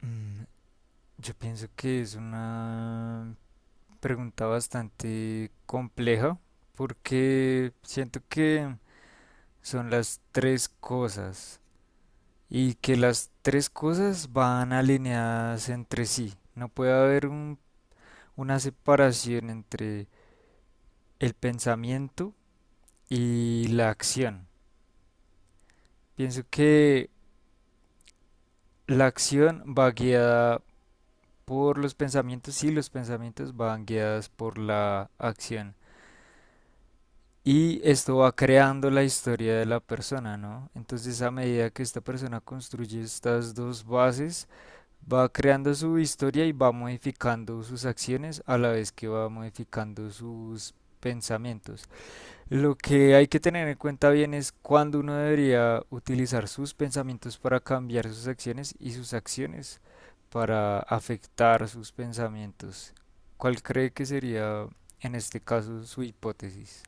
Mm, Yo pienso que es una pregunta bastante compleja porque siento que son las tres cosas y que las tres cosas van alineadas entre sí. No puede haber una separación entre el pensamiento y la acción. Pienso que la acción va guiada por los pensamientos y los pensamientos van guiadas por la acción. Y esto va creando la historia de la persona, ¿no? Entonces a medida que esta persona construye estas dos bases, va creando su historia y va modificando sus acciones a la vez que va modificando sus pensamientos. Lo que hay que tener en cuenta bien es cuándo uno debería utilizar sus pensamientos para cambiar sus acciones y sus acciones para afectar sus pensamientos. ¿Cuál cree que sería en este caso su hipótesis?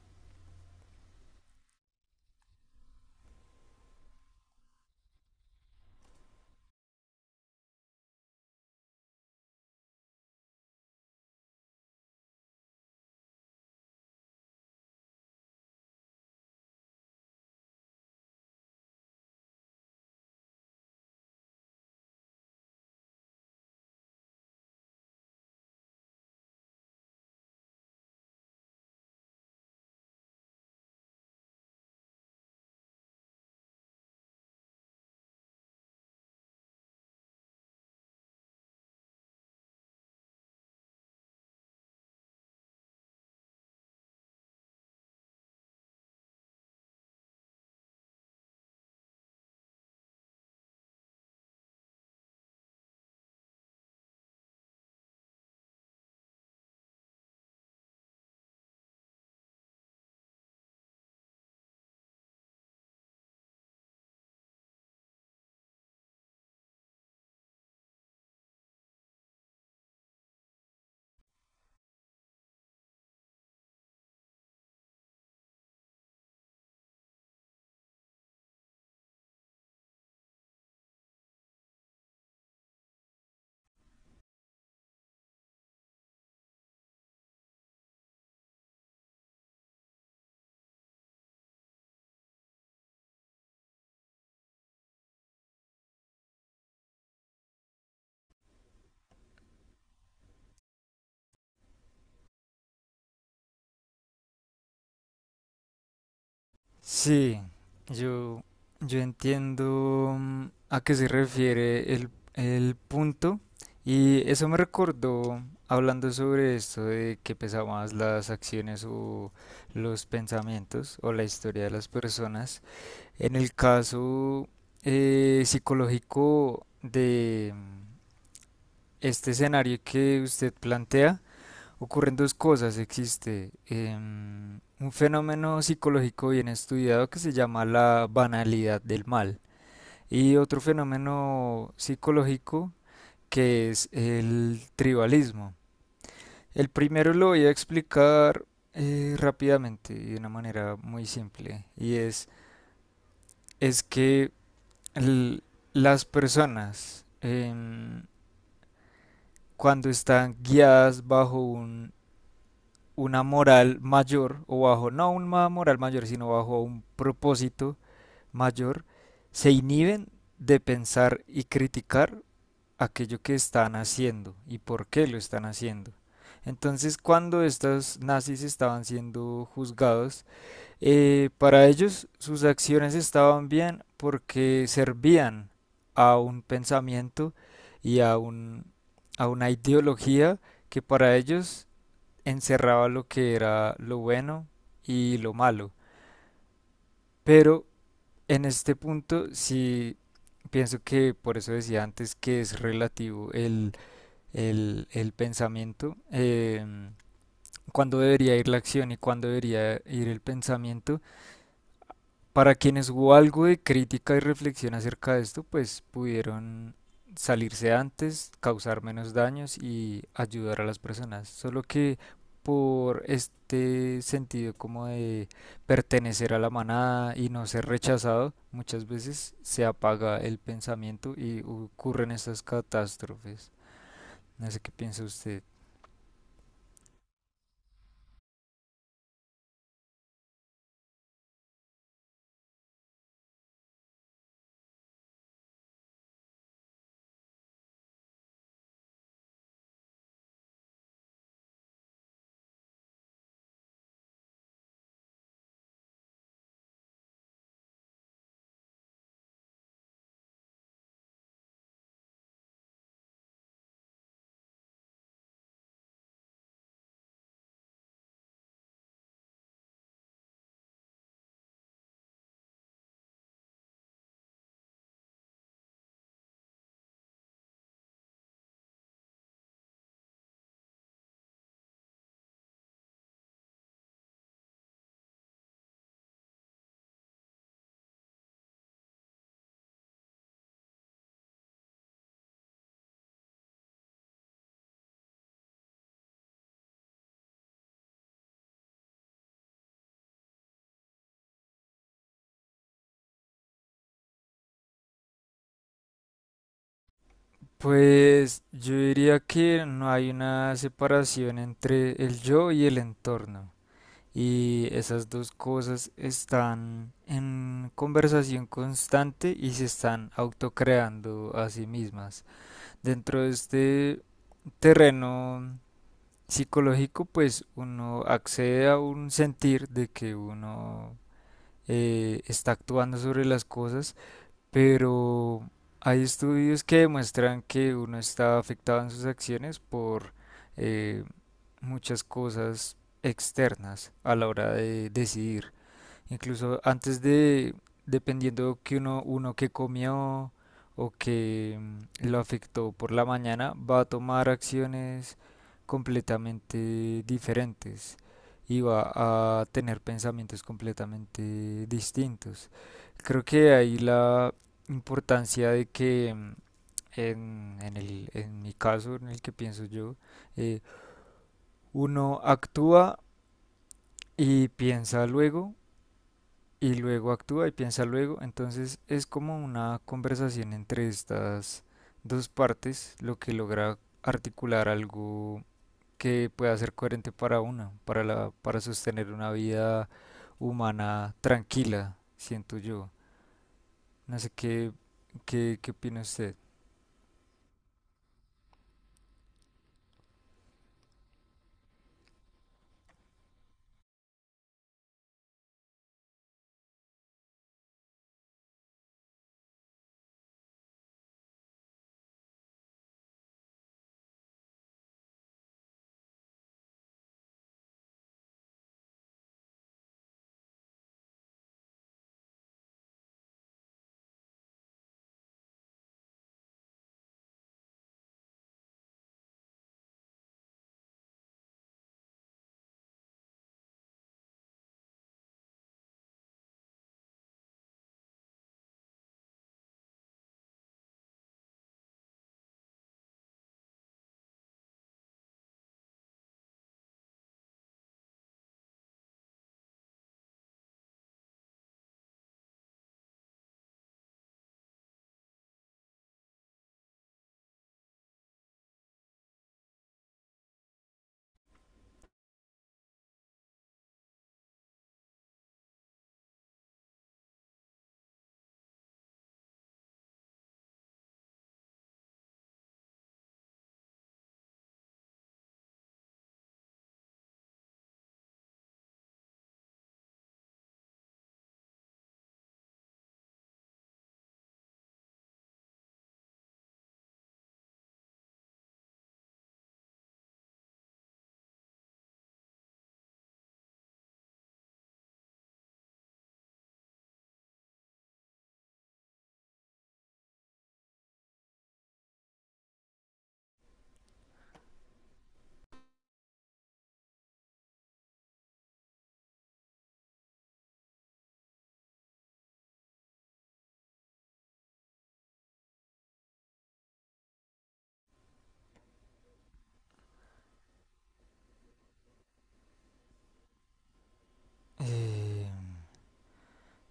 Sí, yo, yo entiendo a qué se refiere el punto y eso me recordó hablando sobre esto de que pesa más las acciones o los pensamientos o la historia de las personas. En el caso psicológico de este escenario que usted plantea, ocurren dos cosas. Existe un fenómeno psicológico bien estudiado que se llama la banalidad del mal y otro fenómeno psicológico que es el tribalismo. El primero lo voy a explicar rápidamente y de una manera muy simple y es que el- las personas cuando están guiadas bajo un una moral mayor o bajo, no una moral mayor, sino bajo un propósito mayor, se inhiben de pensar y criticar aquello que están haciendo y por qué lo están haciendo. Entonces, cuando estos nazis estaban siendo juzgados, para ellos sus acciones estaban bien porque servían a un pensamiento y a, un, a una ideología que para ellos encerraba lo que era lo bueno y lo malo. Pero en este punto sí pienso que por eso decía antes que es relativo el pensamiento, cuándo debería ir la acción y cuándo debería ir el pensamiento. Para quienes hubo algo de crítica y reflexión acerca de esto, pues pudieron salirse antes, causar menos daños y ayudar a las personas. Solo que por este sentido como de pertenecer a la manada y no ser rechazado, muchas veces se apaga el pensamiento y ocurren estas catástrofes. No sé qué piensa usted. Pues yo diría que no hay una separación entre el yo y el entorno. Y esas dos cosas están en conversación constante y se están autocreando a sí mismas. Dentro de este terreno psicológico, pues uno accede a un sentir de que uno está actuando sobre las cosas, pero hay estudios que demuestran que uno está afectado en sus acciones por eh, muchas cosas externas a la hora de decidir. Incluso antes de, dependiendo que uno que comió o que lo afectó por la mañana, va a tomar acciones completamente diferentes y va a tener pensamientos completamente distintos. Creo que ahí la importancia de que en en mi caso, en el que pienso yo, eh, uno actúa y piensa luego y luego actúa y piensa luego. Entonces es como una conversación entre estas dos partes lo que logra articular algo que pueda ser coherente para para sostener una vida humana tranquila, siento yo. No sé qué opina usted.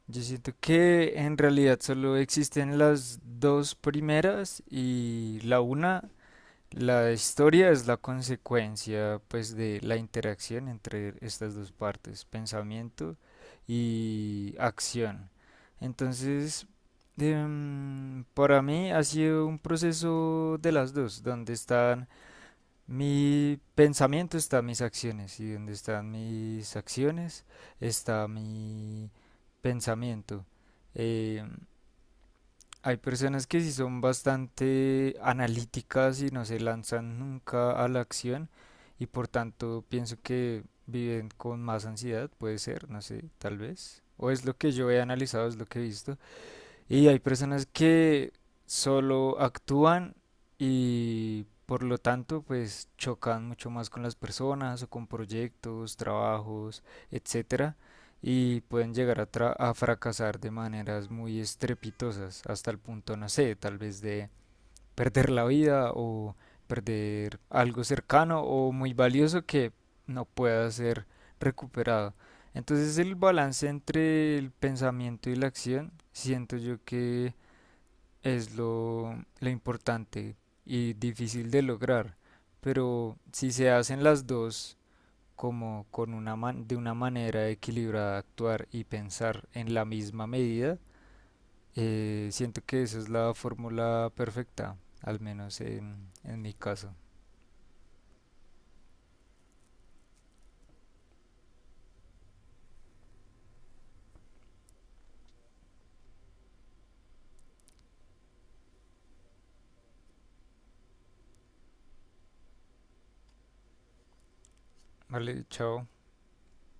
Yo siento que en realidad solo existen las dos primeras y la una. La historia es la consecuencia, pues, de la interacción entre estas dos partes, pensamiento y acción. Entonces, para mí ha sido un proceso de las dos, donde están mi pensamiento, están mis acciones, y donde están mis acciones, está mi pensamiento. Em, Hay personas que sí son bastante analíticas y no se lanzan nunca a la acción y por tanto pienso que viven con más ansiedad, puede ser, no sé, tal vez. O es lo que yo he analizado, es lo que he visto. Y hay personas que solo actúan y por lo tanto pues chocan mucho más con las personas o con proyectos, trabajos, etcétera, y pueden llegar a fracasar de maneras muy estrepitosas hasta el punto, no sé, tal vez de perder la vida o perder algo cercano o muy valioso que no pueda ser recuperado. Entonces el balance entre el pensamiento y la acción siento yo que es lo importante y difícil de lograr. Pero si se hacen las dos como con una de una manera equilibrada actuar y pensar en la misma medida, siento que esa es la fórmula perfecta, al menos en mi caso. Vale, chao.